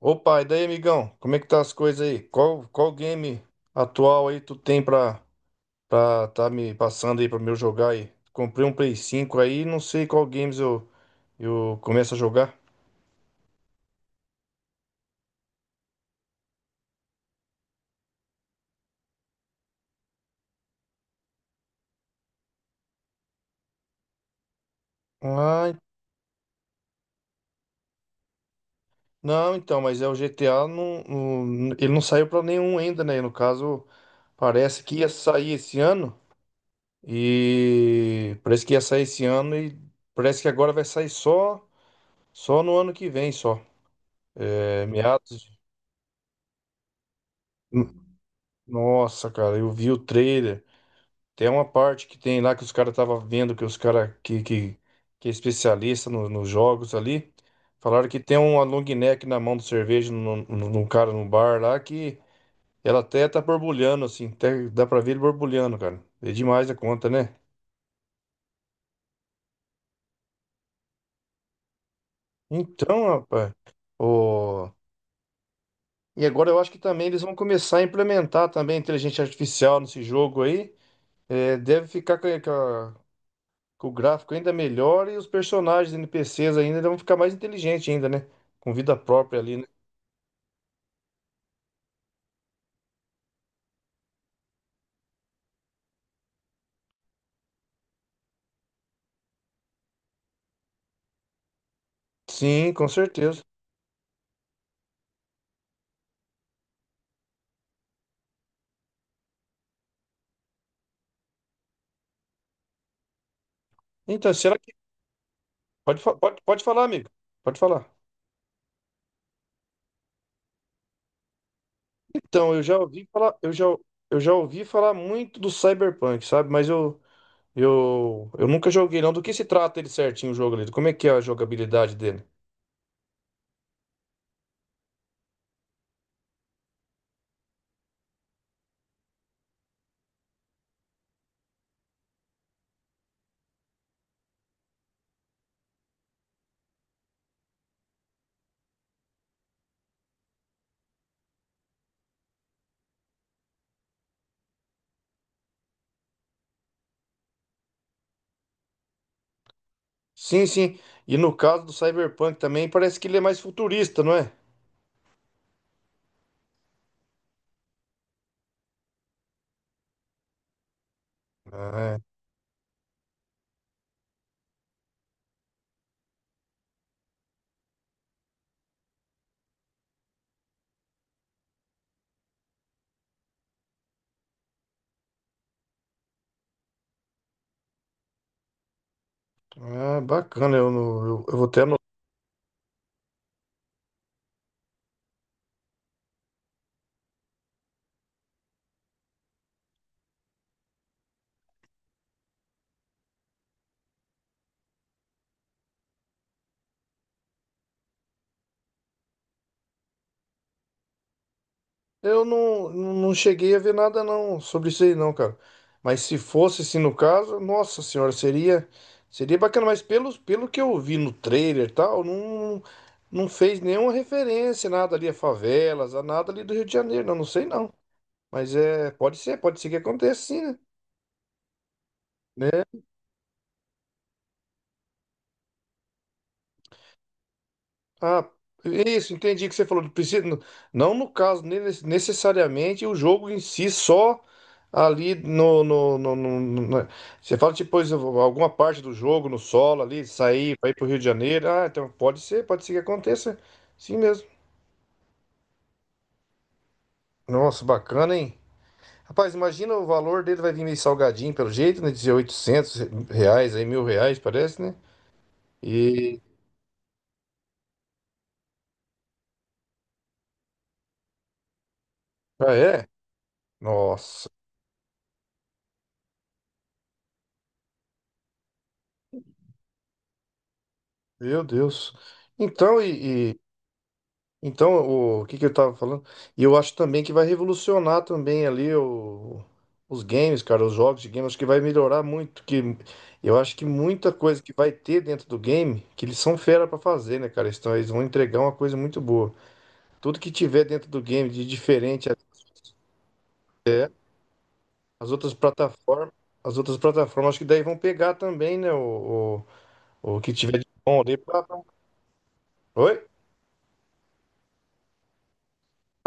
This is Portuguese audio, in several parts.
Opa, e daí, amigão? Como é que tá as coisas aí? Qual game atual aí tu tem pra tá me passando aí pra eu jogar aí? Comprei um Play 5 aí, não sei qual games eu começo a jogar. Ah, não, então, mas é o GTA, ele não saiu pra nenhum ainda, né? No caso, parece que ia sair esse ano e parece que agora vai sair só no ano que vem, só. É, meados de. Nossa, cara, eu vi o trailer. Tem uma parte que tem lá que os caras estavam vendo que os caras que é especialista nos jogos ali, falaram que tem uma long neck na mão do cerveja num cara no bar lá que ela até tá borbulhando assim, até dá pra ver ele borbulhando, cara. É demais a conta, né? Então, rapaz, o... e agora eu acho que também eles vão começar a implementar também a inteligência artificial nesse jogo aí. É, deve ficar com o gráfico ainda melhor e os personagens NPCs ainda vão ficar mais inteligentes ainda, né? Com vida própria ali, né? Sim, com certeza. Então, será que pode falar, amigo? Pode falar. Então, eu já ouvi falar muito do Cyberpunk, sabe? Mas eu nunca joguei não. Do que se trata ele certinho o jogo ali? Como é que é a jogabilidade dele? Sim, sim. E no caso do Cyberpunk também parece que ele é mais futurista, não é? Ah, é. Ah, bacana. Eu vou até. Eu não cheguei a ver nada não sobre isso aí não, cara. Mas se fosse assim no caso, nossa senhora, seria bacana, mas pelo que eu vi no trailer e tal, não, não fez nenhuma referência, nada ali a favelas, a nada ali do Rio de Janeiro, não, não sei não. Mas é, pode ser que aconteça sim, né? Né? Ah, é isso, entendi o que você falou. Precisa, não no caso, necessariamente o jogo em si, só ali. Você fala, tipo, pois, alguma parte do jogo, no solo ali, sair para ir pro Rio de Janeiro. Ah, então pode ser que aconteça. Sim mesmo. Nossa, bacana, hein? Rapaz, imagina o valor dele vai vir meio salgadinho pelo jeito, né? Dizer R$ 800, aí R$ 1.000, parece, né? E. Ah, é? Nossa, meu Deus. Então, Então, que eu tava falando? E eu acho também que vai revolucionar também ali os games, cara, os jogos de game, acho que vai melhorar muito, que eu acho que muita coisa que vai ter dentro do game, que eles são fera pra fazer, né, cara? Eles vão entregar uma coisa muito boa. Tudo que tiver dentro do game de diferente, as outras plataformas, as outras plataformas, acho que daí vão pegar também, né, o que tiver de bom ali pra. Oi?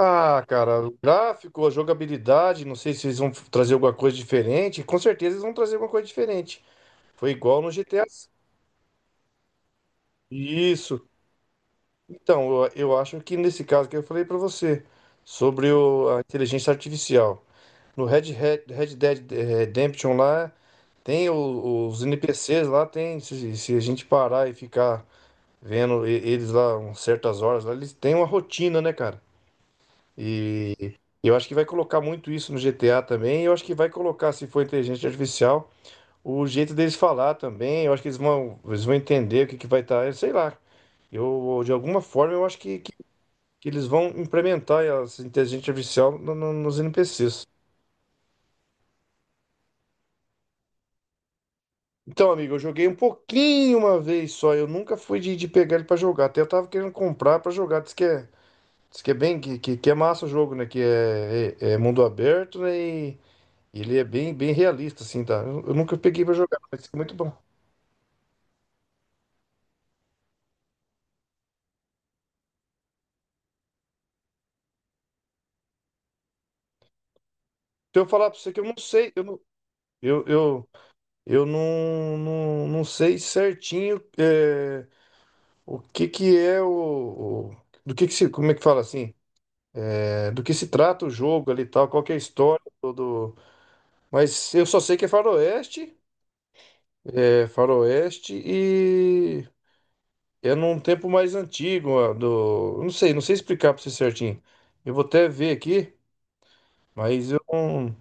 Ah, cara, o gráfico, a jogabilidade, não sei se eles vão trazer alguma coisa diferente. Com certeza eles vão trazer alguma coisa diferente. Foi igual no GTA. Isso. Então, eu acho que nesse caso que eu falei pra você sobre a inteligência artificial. No Red Dead Redemption lá, tem os NPCs lá, tem. Se a gente parar e ficar vendo eles lá umas certas horas, lá, eles têm uma rotina, né, cara? Eu acho que vai colocar muito isso no GTA também. Eu acho que vai colocar, se for inteligência artificial, o jeito deles falar também. Eu acho que eles vão entender o que vai estar. Sei lá. Eu, de alguma forma, eu acho que eles vão implementar essa inteligência artificial nos NPCs. Então, amigo, eu joguei um pouquinho uma vez só. Eu nunca fui de pegar ele pra jogar. Até eu tava querendo comprar pra jogar. Diz que é bem, que é massa o jogo, né? Que é mundo aberto, né? Ele é bem, bem realista, assim, tá? Eu nunca peguei pra jogar, mas é muito bom. Se eu falar pra você que eu não sei, eu, eu, eu não, não, não sei certinho o que que é o- do que se, como é que fala assim? É, do que se trata o jogo ali e tal, qual que é a história. Mas eu só sei que é faroeste e é num tempo mais antigo, ó, eu não sei, não sei explicar pra você certinho. Eu vou até ver aqui, mas eu não.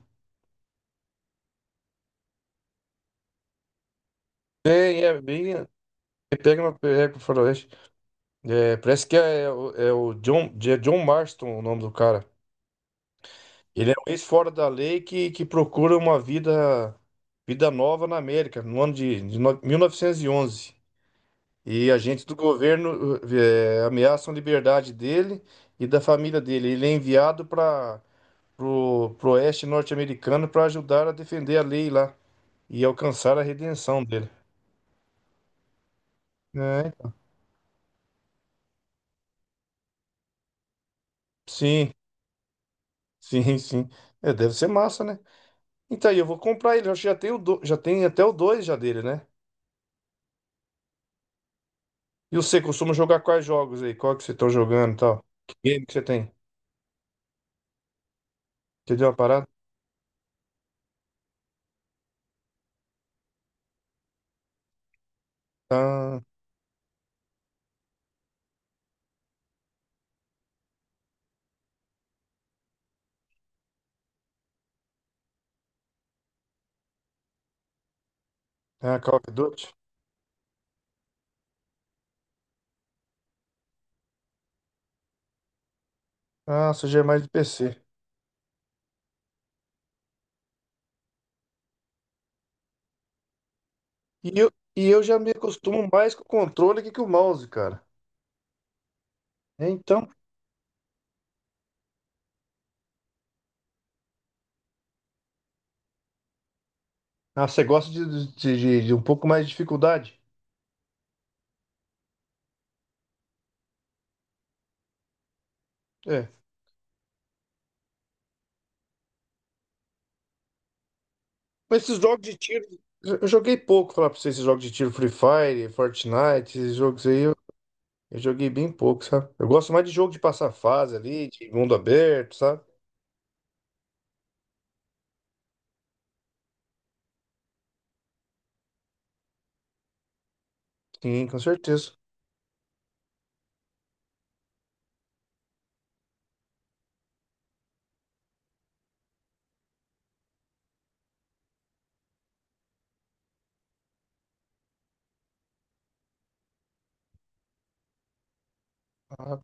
É bem. Pega uma com o faroeste. É, parece que é John Marston o nome do cara. Ele é um ex-fora da lei que procura uma vida nova na América, no ano de 1911. E onze. E agentes do governo ameaçam a liberdade dele e da família dele. Ele é enviado para o oeste norte-americano para ajudar a defender a lei lá e alcançar a redenção dele. É, sim. Sim, sim. É, deve ser massa, né? Então aí, eu vou comprar ele. Eu acho que já tem já tem até o 2 já dele, né? E você costuma jogar quais jogos aí? Qual que vocês estão jogando e tal? Que game que você tem? Entendeu a parada? Ah, ah, Call of Duty? Ah, você já é mais de PC. E eu já me acostumo mais com o controle que com o mouse, cara. É, então. Ah, você gosta de um pouco mais de dificuldade? É. Mas esses jogos de tiro. Eu joguei pouco, falar pra vocês, esses jogos de tiro Free Fire, Fortnite, esses jogos aí. Eu joguei bem pouco, sabe? Eu gosto mais de jogo de passar fase ali, de mundo aberto, sabe? Sim, com certeza. Ah,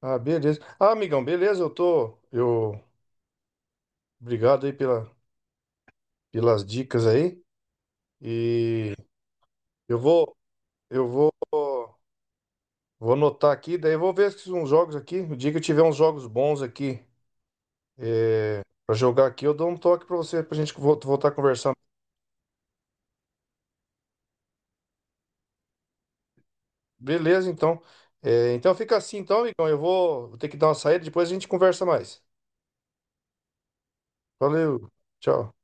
ah, beleza. Ah, amigão, beleza, eu tô. Eu. Obrigado aí pelas dicas aí. E eu vou. Eu vou. Vou anotar aqui, daí eu vou ver se uns jogos aqui. O dia que eu tiver uns jogos bons aqui para jogar aqui, eu dou um toque pra você, pra gente voltar a conversar. Beleza, então. É, então fica assim, então, amigão. Eu vou ter que dar uma saída, depois a gente conversa mais. Valeu, tchau.